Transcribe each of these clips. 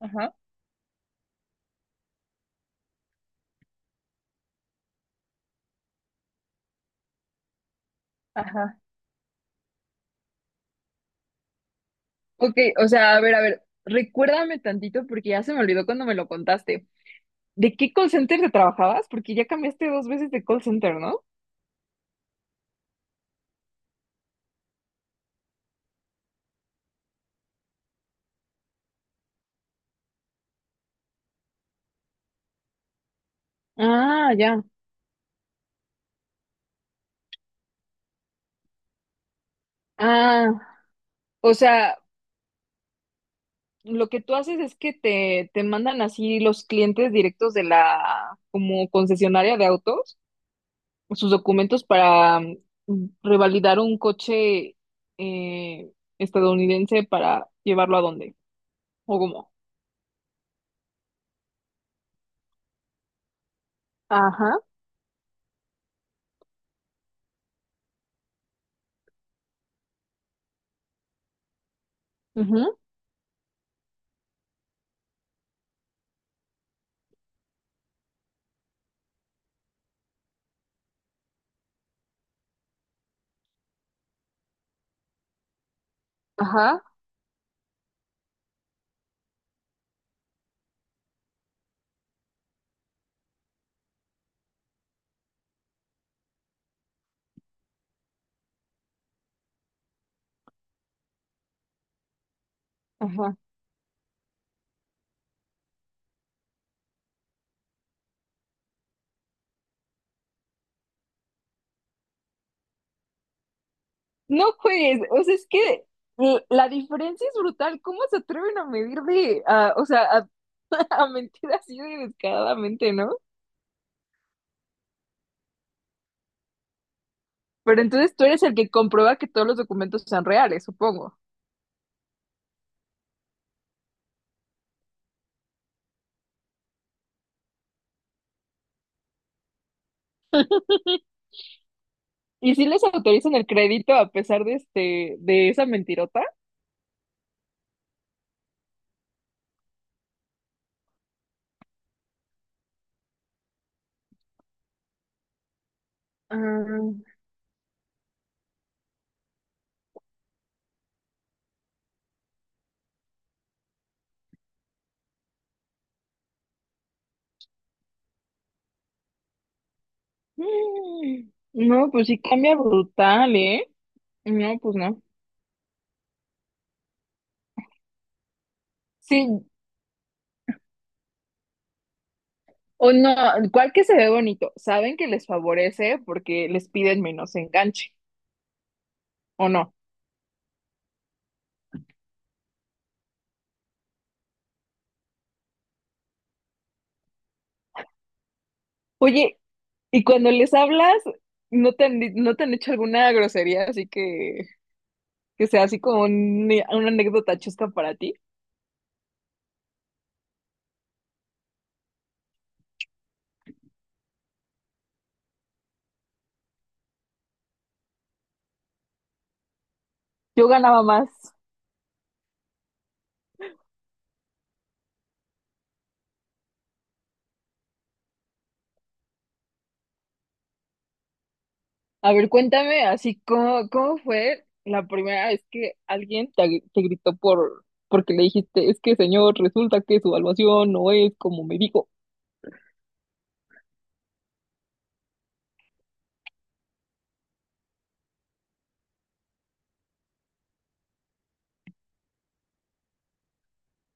Ajá, ajá. Ok, o sea, a ver, recuérdame tantito porque ya se me olvidó cuando me lo contaste. ¿De qué call center te trabajabas? Porque ya cambiaste dos veces de call center, ¿no? Ah, ya. Ah, o sea, lo que tú haces es que te mandan así los clientes directos de la como concesionaria de autos, sus documentos para revalidar un coche eh, estadounidense para llevarlo a dónde o cómo. Ajá, ujú, ajá, ajá. No juegues, o sea, es que la diferencia es brutal. ¿Cómo se atreven a o sea, a, a mentir así de descaradamente? ¿No? Pero entonces tú eres el que comprueba que todos los documentos sean reales, supongo. ¿Y si les autorizan el crédito a pesar de de esa mentirota? Ah, no, pues sí cambia brutal, ¿eh? No, pues no. Sí, o no, ¿cuál que se ve bonito? Saben que les favorece porque les piden menos enganche, ¿o no? Oye, y cuando les hablas, no te han hecho alguna grosería, así que sea así como una anécdota chusca para ti. Yo ganaba más. A ver, cuéntame, así cómo fue la primera vez que alguien te gritó porque le dijiste, es que señor, resulta que su evaluación no es como me dijo.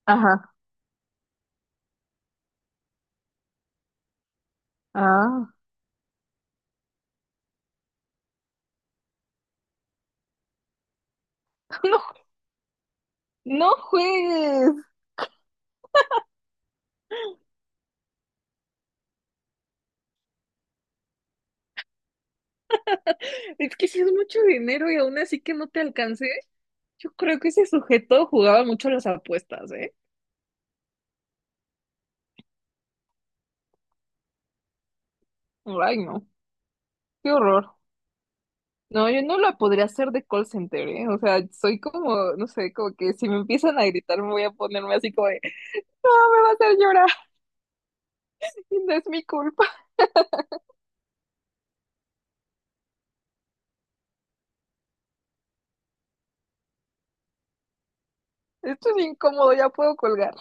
Ajá. Ah. No, no juegues. Es que si es mucho dinero y aún así que no te alcancé. Yo creo que ese sujeto jugaba mucho las apuestas, ¿eh? Ay, no. Qué horror. No, yo no la podría hacer de call center, ¿eh? O sea, soy como, no sé, como que si me empiezan a gritar me voy a ponerme así como de, no, me va a hacer llorar, no es mi culpa, esto es incómodo, ya puedo colgar.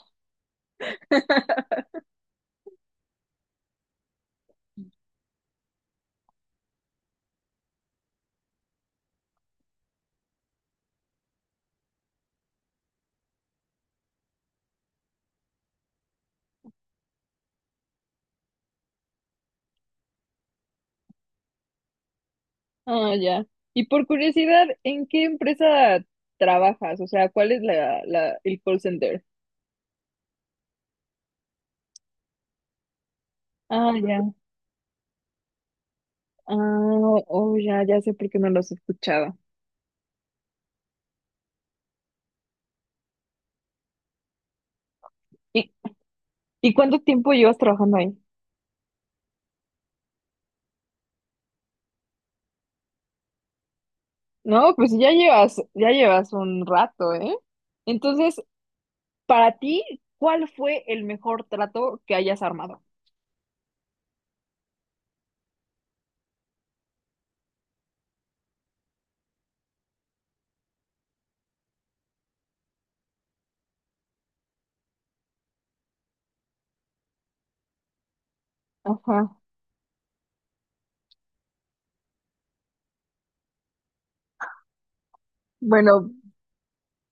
Ah, ya. Y por curiosidad, ¿en qué empresa trabajas? O sea, ¿cuál es la, el call center? Ah, ya. Ah, oh, ya, ya sé por qué no los he escuchado. ¿Y, y cuánto tiempo llevas trabajando ahí? No, pues ya llevas un rato, ¿eh? Entonces, para ti, ¿cuál fue el mejor trato que hayas armado? Ajá. Bueno,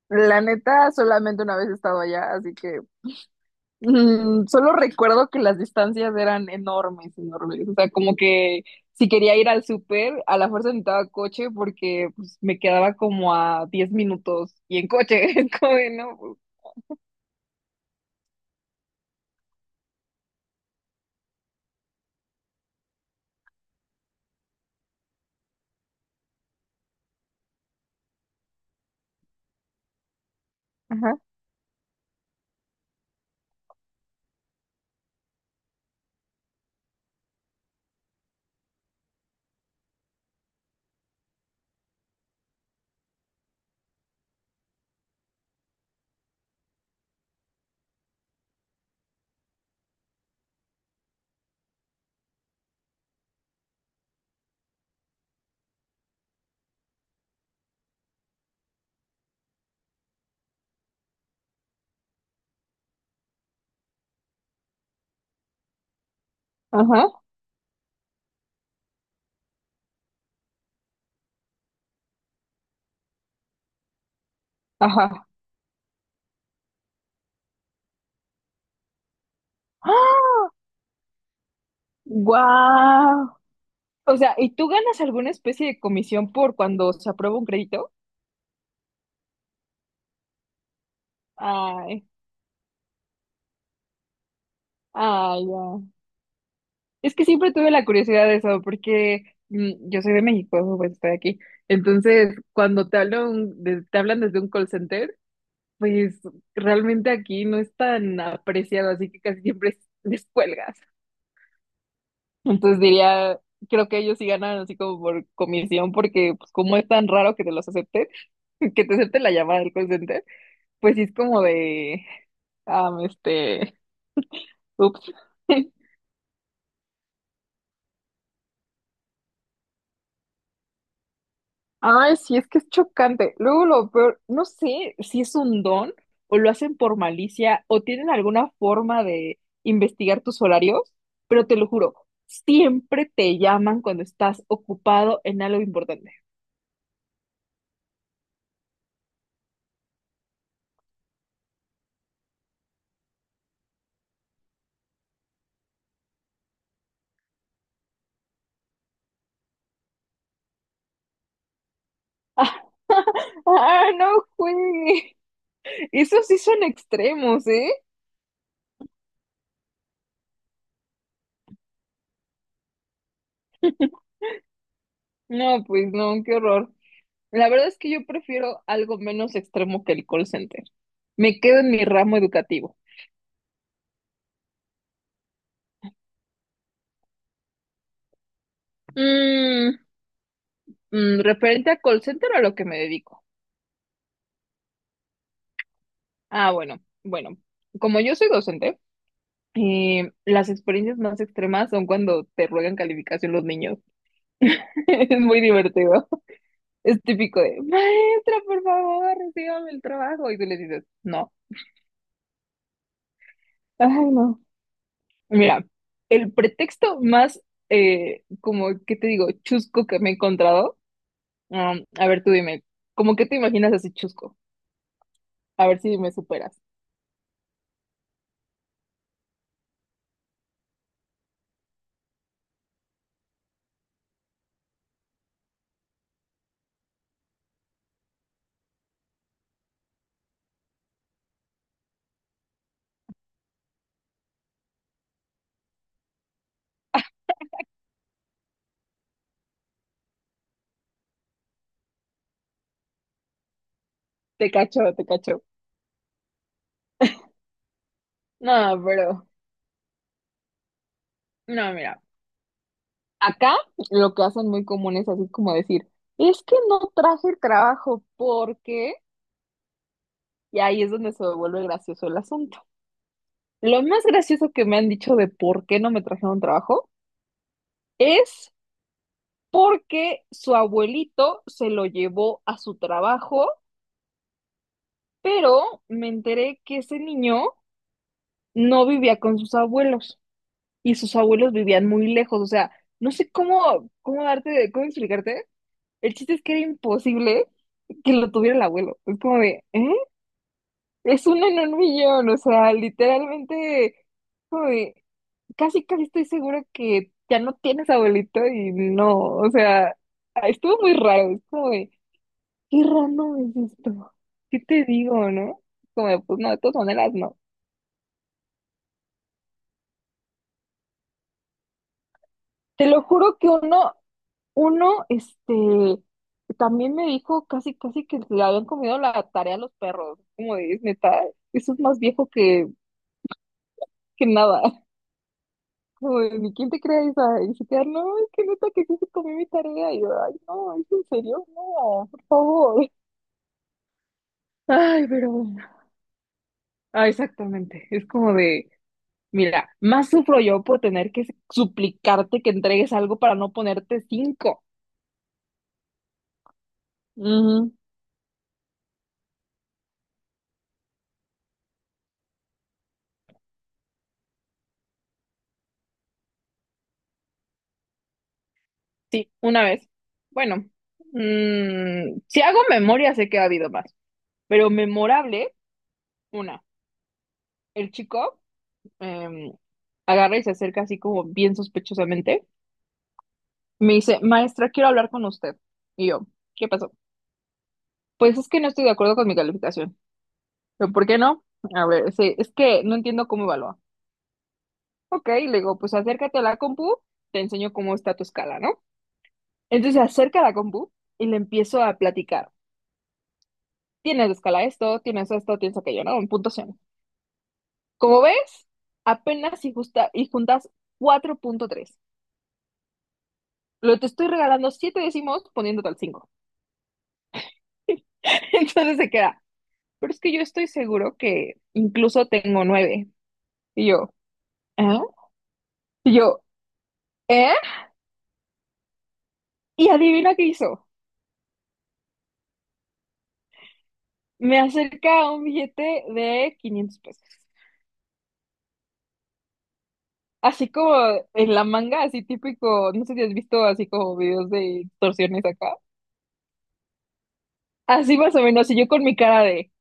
la neta, solamente una vez he estado allá, así que solo recuerdo que las distancias eran enormes, enormes. O sea, como que si quería ir al súper, a la fuerza necesitaba coche porque pues, me quedaba como a 10 minutos y en coche, es como de, no, pues, Ajá, ajá, ajá. ¡Guau! O sea, ¿y tú ganas alguna especie de comisión por cuando se aprueba un crédito? Ay. Ah, ya. Es que siempre tuve la curiosidad de eso, porque yo soy de México, pues estoy aquí. Entonces, cuando te hablan, te hablan desde un call center, pues realmente aquí no es tan apreciado, así que casi siempre les cuelgas. Entonces diría, creo que ellos sí ganan así como por comisión, porque pues como es tan raro que te los acepten, que te acepten la llamada del call center, pues sí es como de, ah, este, ups. Ay, sí, es que es chocante. Luego lo peor, no sé si es un don o lo hacen por malicia o tienen alguna forma de investigar tus horarios, pero te lo juro, siempre te llaman cuando estás ocupado en algo importante. Ah, no, güey. Esos sí son extremos, ¿eh? No, pues no, qué horror. La verdad es que yo prefiero algo menos extremo que el call center. Me quedo en mi ramo educativo. Mm, Referente a call center a lo que me dedico. Ah, bueno, bueno, como yo soy docente, las experiencias más extremas son cuando te ruegan calificación los niños. Es muy divertido. Es típico de, maestra, por favor, recíbame el trabajo. Y tú les dices, no. Ay, no. Mira, el pretexto más, como, ¿qué te digo? Chusco que me he encontrado. A ver, tú dime, ¿cómo que te imaginas así chusco? A ver si me superas. Te cacho, te cacho. No, pero, no, mira. Acá lo que hacen muy común es así como decir, es que no traje el trabajo porque, y ahí es donde se vuelve gracioso el asunto. Lo más gracioso que me han dicho de por qué no me trajeron trabajo es porque su abuelito se lo llevó a su trabajo, pero me enteré que ese niño no vivía con sus abuelos y sus abuelos vivían muy lejos, o sea, no sé cómo, cómo darte, cómo explicarte. El chiste es que era imposible que lo tuviera el abuelo. Es como de, ¿eh? Es uno en un millón, o sea, literalmente, como de, casi, casi estoy segura que ya no tienes abuelito y no, o sea, estuvo muy raro, es como de, qué random es esto, ¿qué te digo, no? Como de, pues no, de todas maneras, no. Te lo juro que uno, este, también me dijo casi, casi que le habían comido la tarea a los perros. Como de, es neta, eso es más viejo que nada. Como de, ni quién te cree esa. Y se quedan, no, es que neta que sí se comió mi tarea. Y yo, ay, no, es en serio, no, por favor. Ay, pero bueno. Ah, exactamente. Es como de, mira, más sufro yo por tener que suplicarte que entregues algo para no ponerte cinco. Sí, una vez. Bueno, si hago memoria, sé que ha habido más, pero memorable, una. El chico em, agarra y se acerca así como bien sospechosamente. Me dice, maestra, quiero hablar con usted. Y yo, ¿qué pasó? Pues es que no estoy de acuerdo con mi calificación. Pero, ¿por qué no? A ver, sí, es que no entiendo cómo evalúa. Ok, le digo, pues acércate a la compu, te enseño cómo está tu escala, ¿no? Entonces se acerca a la compu y le empiezo a platicar. Tienes de escala esto, tienes aquello, ¿no? En puntuación. Como ves, apenas y y juntas 4.3. Lo te estoy regalando 7 décimos poniéndote al 5. Entonces se queda. Pero es que yo estoy seguro que incluso tengo 9. Y yo, ¿eh? Y yo, ¿eh? Y adivina qué hizo. Me acerca un billete de 500 pesos. Así como en la manga, así típico, no sé si has visto así como videos de extorsiones acá. Así más o menos, y yo con mi cara de,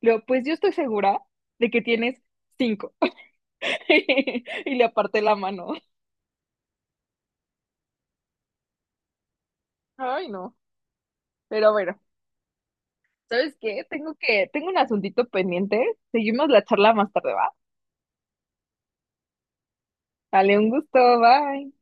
le digo, pues yo estoy segura de que tienes cinco. Y le aparté la mano. Ay, no. Pero bueno, ¿sabes qué? Tengo un asuntito pendiente. Seguimos la charla más tarde, ¿va? Dale un gusto, bye.